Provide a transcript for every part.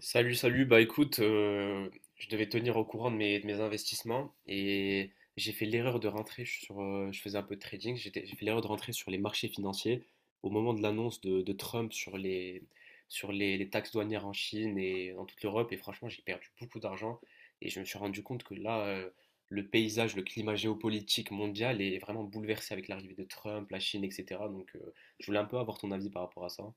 Salut, salut. Bah écoute, je devais tenir au courant de mes investissements et j'ai fait l'erreur de rentrer sur. Je faisais un peu de trading. J'ai fait l'erreur de rentrer sur les marchés financiers au moment de l'annonce de Trump sur les taxes douanières en Chine et dans toute l'Europe. Et franchement, j'ai perdu beaucoup d'argent et je me suis rendu compte que là, le paysage, le climat géopolitique mondial est vraiment bouleversé avec l'arrivée de Trump, la Chine, etc. Donc, je voulais un peu avoir ton avis par rapport à ça.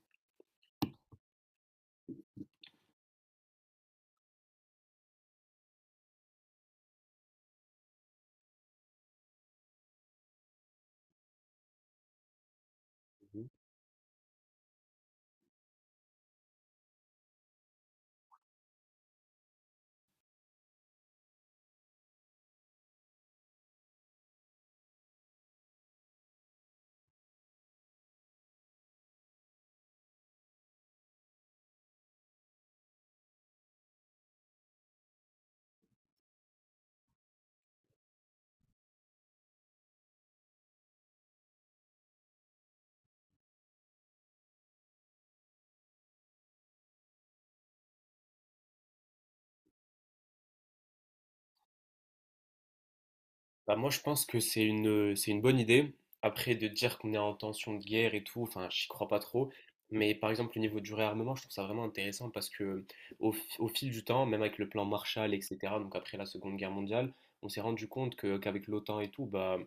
Bah moi je pense que c'est c'est une bonne idée. Après de dire qu'on est en tension de guerre et tout, enfin j'y crois pas trop. Mais par exemple le niveau du réarmement, je trouve ça vraiment intéressant parce que au fil du temps, même avec le plan Marshall, etc., donc après la Seconde Guerre mondiale, on s'est rendu compte qu'avec l'OTAN et tout, bah,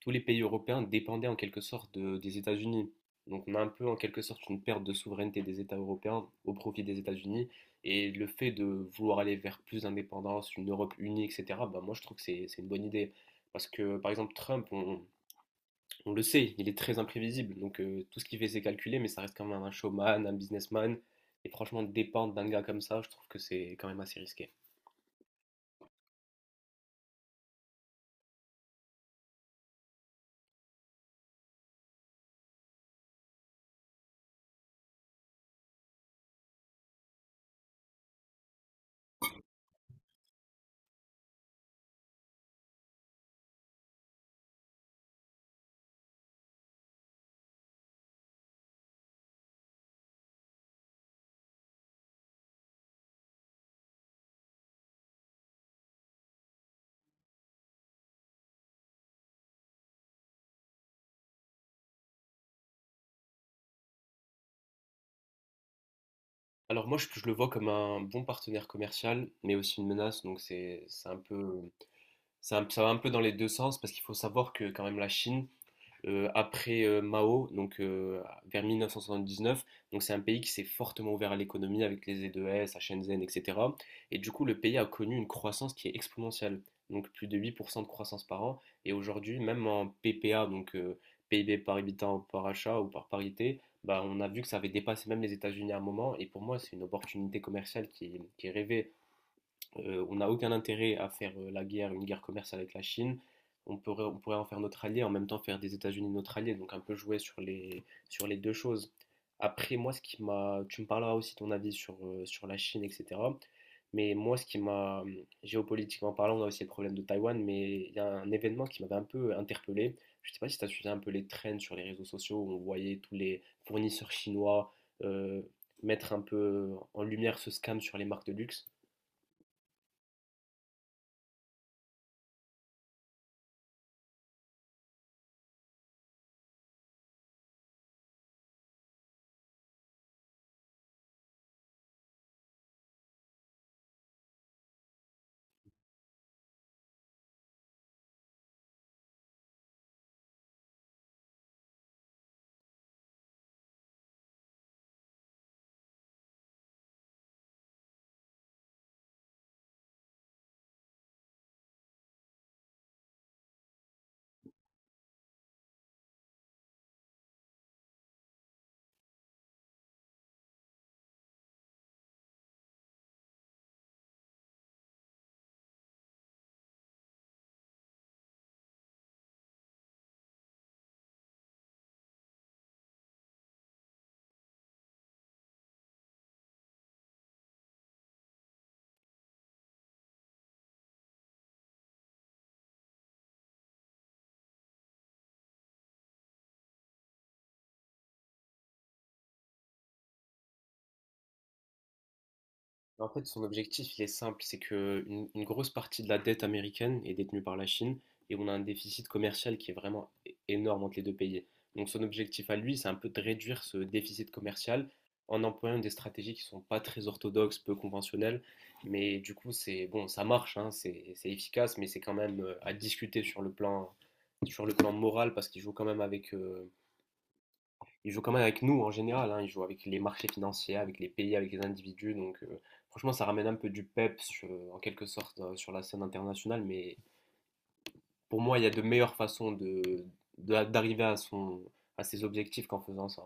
tous les pays européens dépendaient en quelque sorte des États-Unis. Donc on a un peu en quelque sorte une perte de souveraineté des États européens au profit des États-Unis. Et le fait de vouloir aller vers plus d'indépendance, une Europe unie, etc., bah, moi je trouve que c'est une bonne idée. Parce que, par exemple, Trump, on le sait, il est très imprévisible. Donc, tout ce qu'il fait, c'est calculé, mais ça reste quand même un showman, un businessman. Et franchement, dépendre d'un gars comme ça, je trouve que c'est quand même assez risqué. Alors moi, je le vois comme un bon partenaire commercial, mais aussi une menace. Donc c'est un peu, ça va un peu dans les deux sens parce qu'il faut savoir que quand même la Chine, après Mao, donc vers 1979. Donc c'est un pays qui s'est fortement ouvert à l'économie avec les E2S, à Shenzhen, etc. Et du coup, le pays a connu une croissance qui est exponentielle, donc plus de 8% de croissance par an. Et aujourd'hui, même en PPA, donc PIB par habitant par achat ou par parité, bah, on a vu que ça avait dépassé même les États-Unis à un moment. Et pour moi, c'est une opportunité commerciale qui est rêvée on n'a aucun intérêt à faire la guerre, une guerre commerciale avec la Chine. On pourrait en faire notre allié, en même temps faire des États-Unis notre allié, donc un peu jouer sur les deux choses. Après, moi, tu me parleras aussi ton avis sur, sur la Chine, etc. Mais moi, géopolitiquement parlant, on a aussi le problème de Taïwan, mais il y a un événement qui m'avait un peu interpellé. Je ne sais pas si tu as suivi un peu les trends sur les réseaux sociaux où on voyait tous les fournisseurs chinois euh, mettre un peu en lumière ce scam sur les marques de luxe. Bah, en fait, son objectif, il est simple, c'est que une grosse partie de la dette américaine est détenue par la Chine et on a un déficit commercial qui est vraiment énorme entre les deux pays. Donc son objectif à lui, c'est un peu de réduire ce déficit commercial en employant des stratégies qui sont pas très orthodoxes, peu conventionnelles, mais du coup, c'est bon, ça marche, hein, c'est efficace, mais c'est quand même à discuter sur le plan moral parce qu'il joue quand même avec il joue quand même avec nous en général, hein, il joue avec les marchés financiers, avec les pays, avec les individus. Donc franchement, ça ramène un peu du peps en quelque sorte sur la scène internationale. Mais pour moi, il y a de meilleures façons d'arriver à ses objectifs qu'en faisant ça.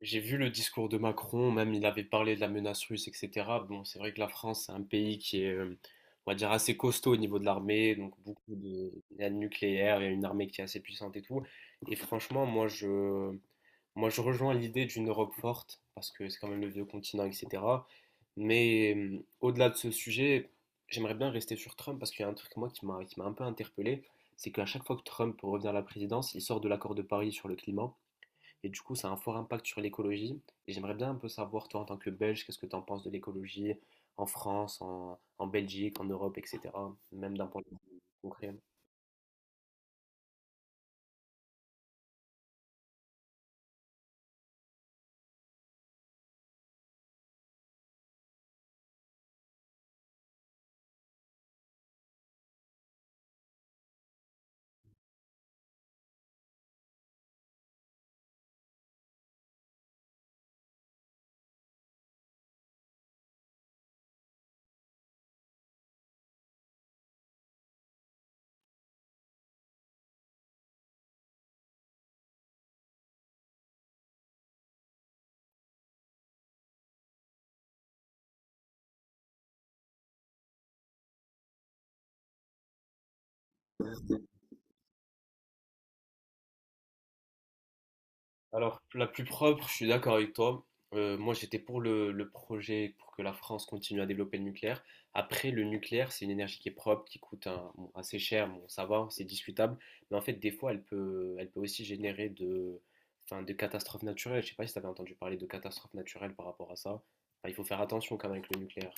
J'ai vu le discours de Macron, même il avait parlé de la menace russe, etc. Bon, c'est vrai que la France, c'est un pays qui est, on va dire, assez costaud au niveau de l'armée, donc il y a le nucléaire, il y a une armée qui est assez puissante et tout. Et franchement, moi, je rejoins l'idée d'une Europe forte, parce que c'est quand même le vieux continent, etc. Mais au-delà de ce sujet, j'aimerais bien rester sur Trump, parce qu'il y a un truc, moi, qui m'a un peu interpellé, c'est qu'à chaque fois que Trump revient à la présidence, il sort de l'accord de Paris sur le climat, et du coup, ça a un fort impact sur l'écologie. Et j'aimerais bien un peu savoir, toi, en tant que Belge, qu'est-ce que tu en penses de l'écologie en France, en Belgique, en Europe, etc., même d'un point de vue concret. Alors, la plus propre, je suis d'accord avec toi. Moi, j'étais pour le projet pour que la France continue à développer le nucléaire. Après, le nucléaire, c'est une énergie qui est propre, qui coûte bon, assez cher. Bon, ça va, c'est discutable. Mais en fait, des fois, elle peut aussi générer enfin, de catastrophes naturelles. Je sais pas si tu avais entendu parler de catastrophes naturelles par rapport à ça. Enfin, il faut faire attention quand même avec le nucléaire.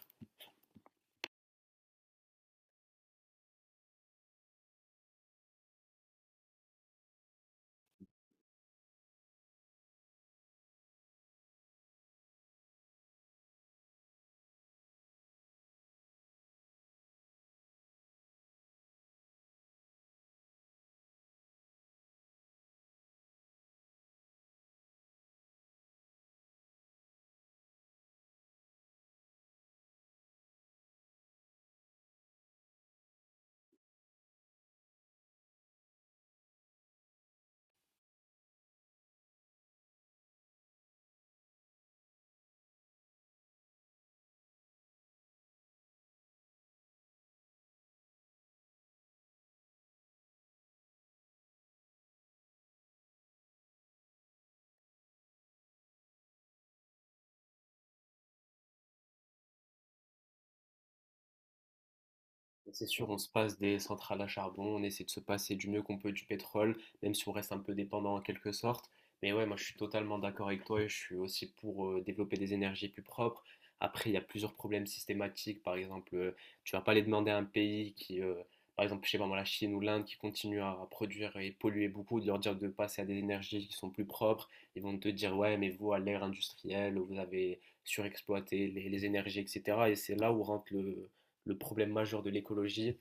C'est sûr, on se passe des centrales à charbon, on essaie de se passer du mieux qu'on peut du pétrole, même si on reste un peu dépendant en quelque sorte. Mais ouais, moi je suis totalement d'accord avec toi et je suis aussi pour développer des énergies plus propres. Après, il y a plusieurs problèmes systématiques. Par exemple, tu vas pas les demander à un pays qui, par exemple, je sais pas moi, la Chine ou l'Inde qui continue à produire et polluer beaucoup, de leur dire de passer à des énergies qui sont plus propres. Ils vont te dire, ouais, mais vous, à l'ère industrielle, vous avez surexploité les énergies, etc. Et c'est là où rentre le problème majeur de l'écologie,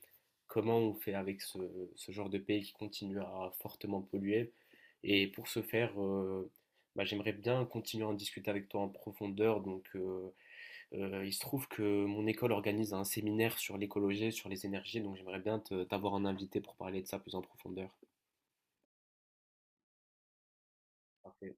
comment on fait avec genre de pays qui continue à fortement polluer. Et pour ce faire, bah, j'aimerais bien continuer à en discuter avec toi en profondeur. Donc, il se trouve que mon école organise un séminaire sur l'écologie, sur les énergies, donc j'aimerais bien t'avoir en invité pour parler de ça plus en profondeur. Parfait.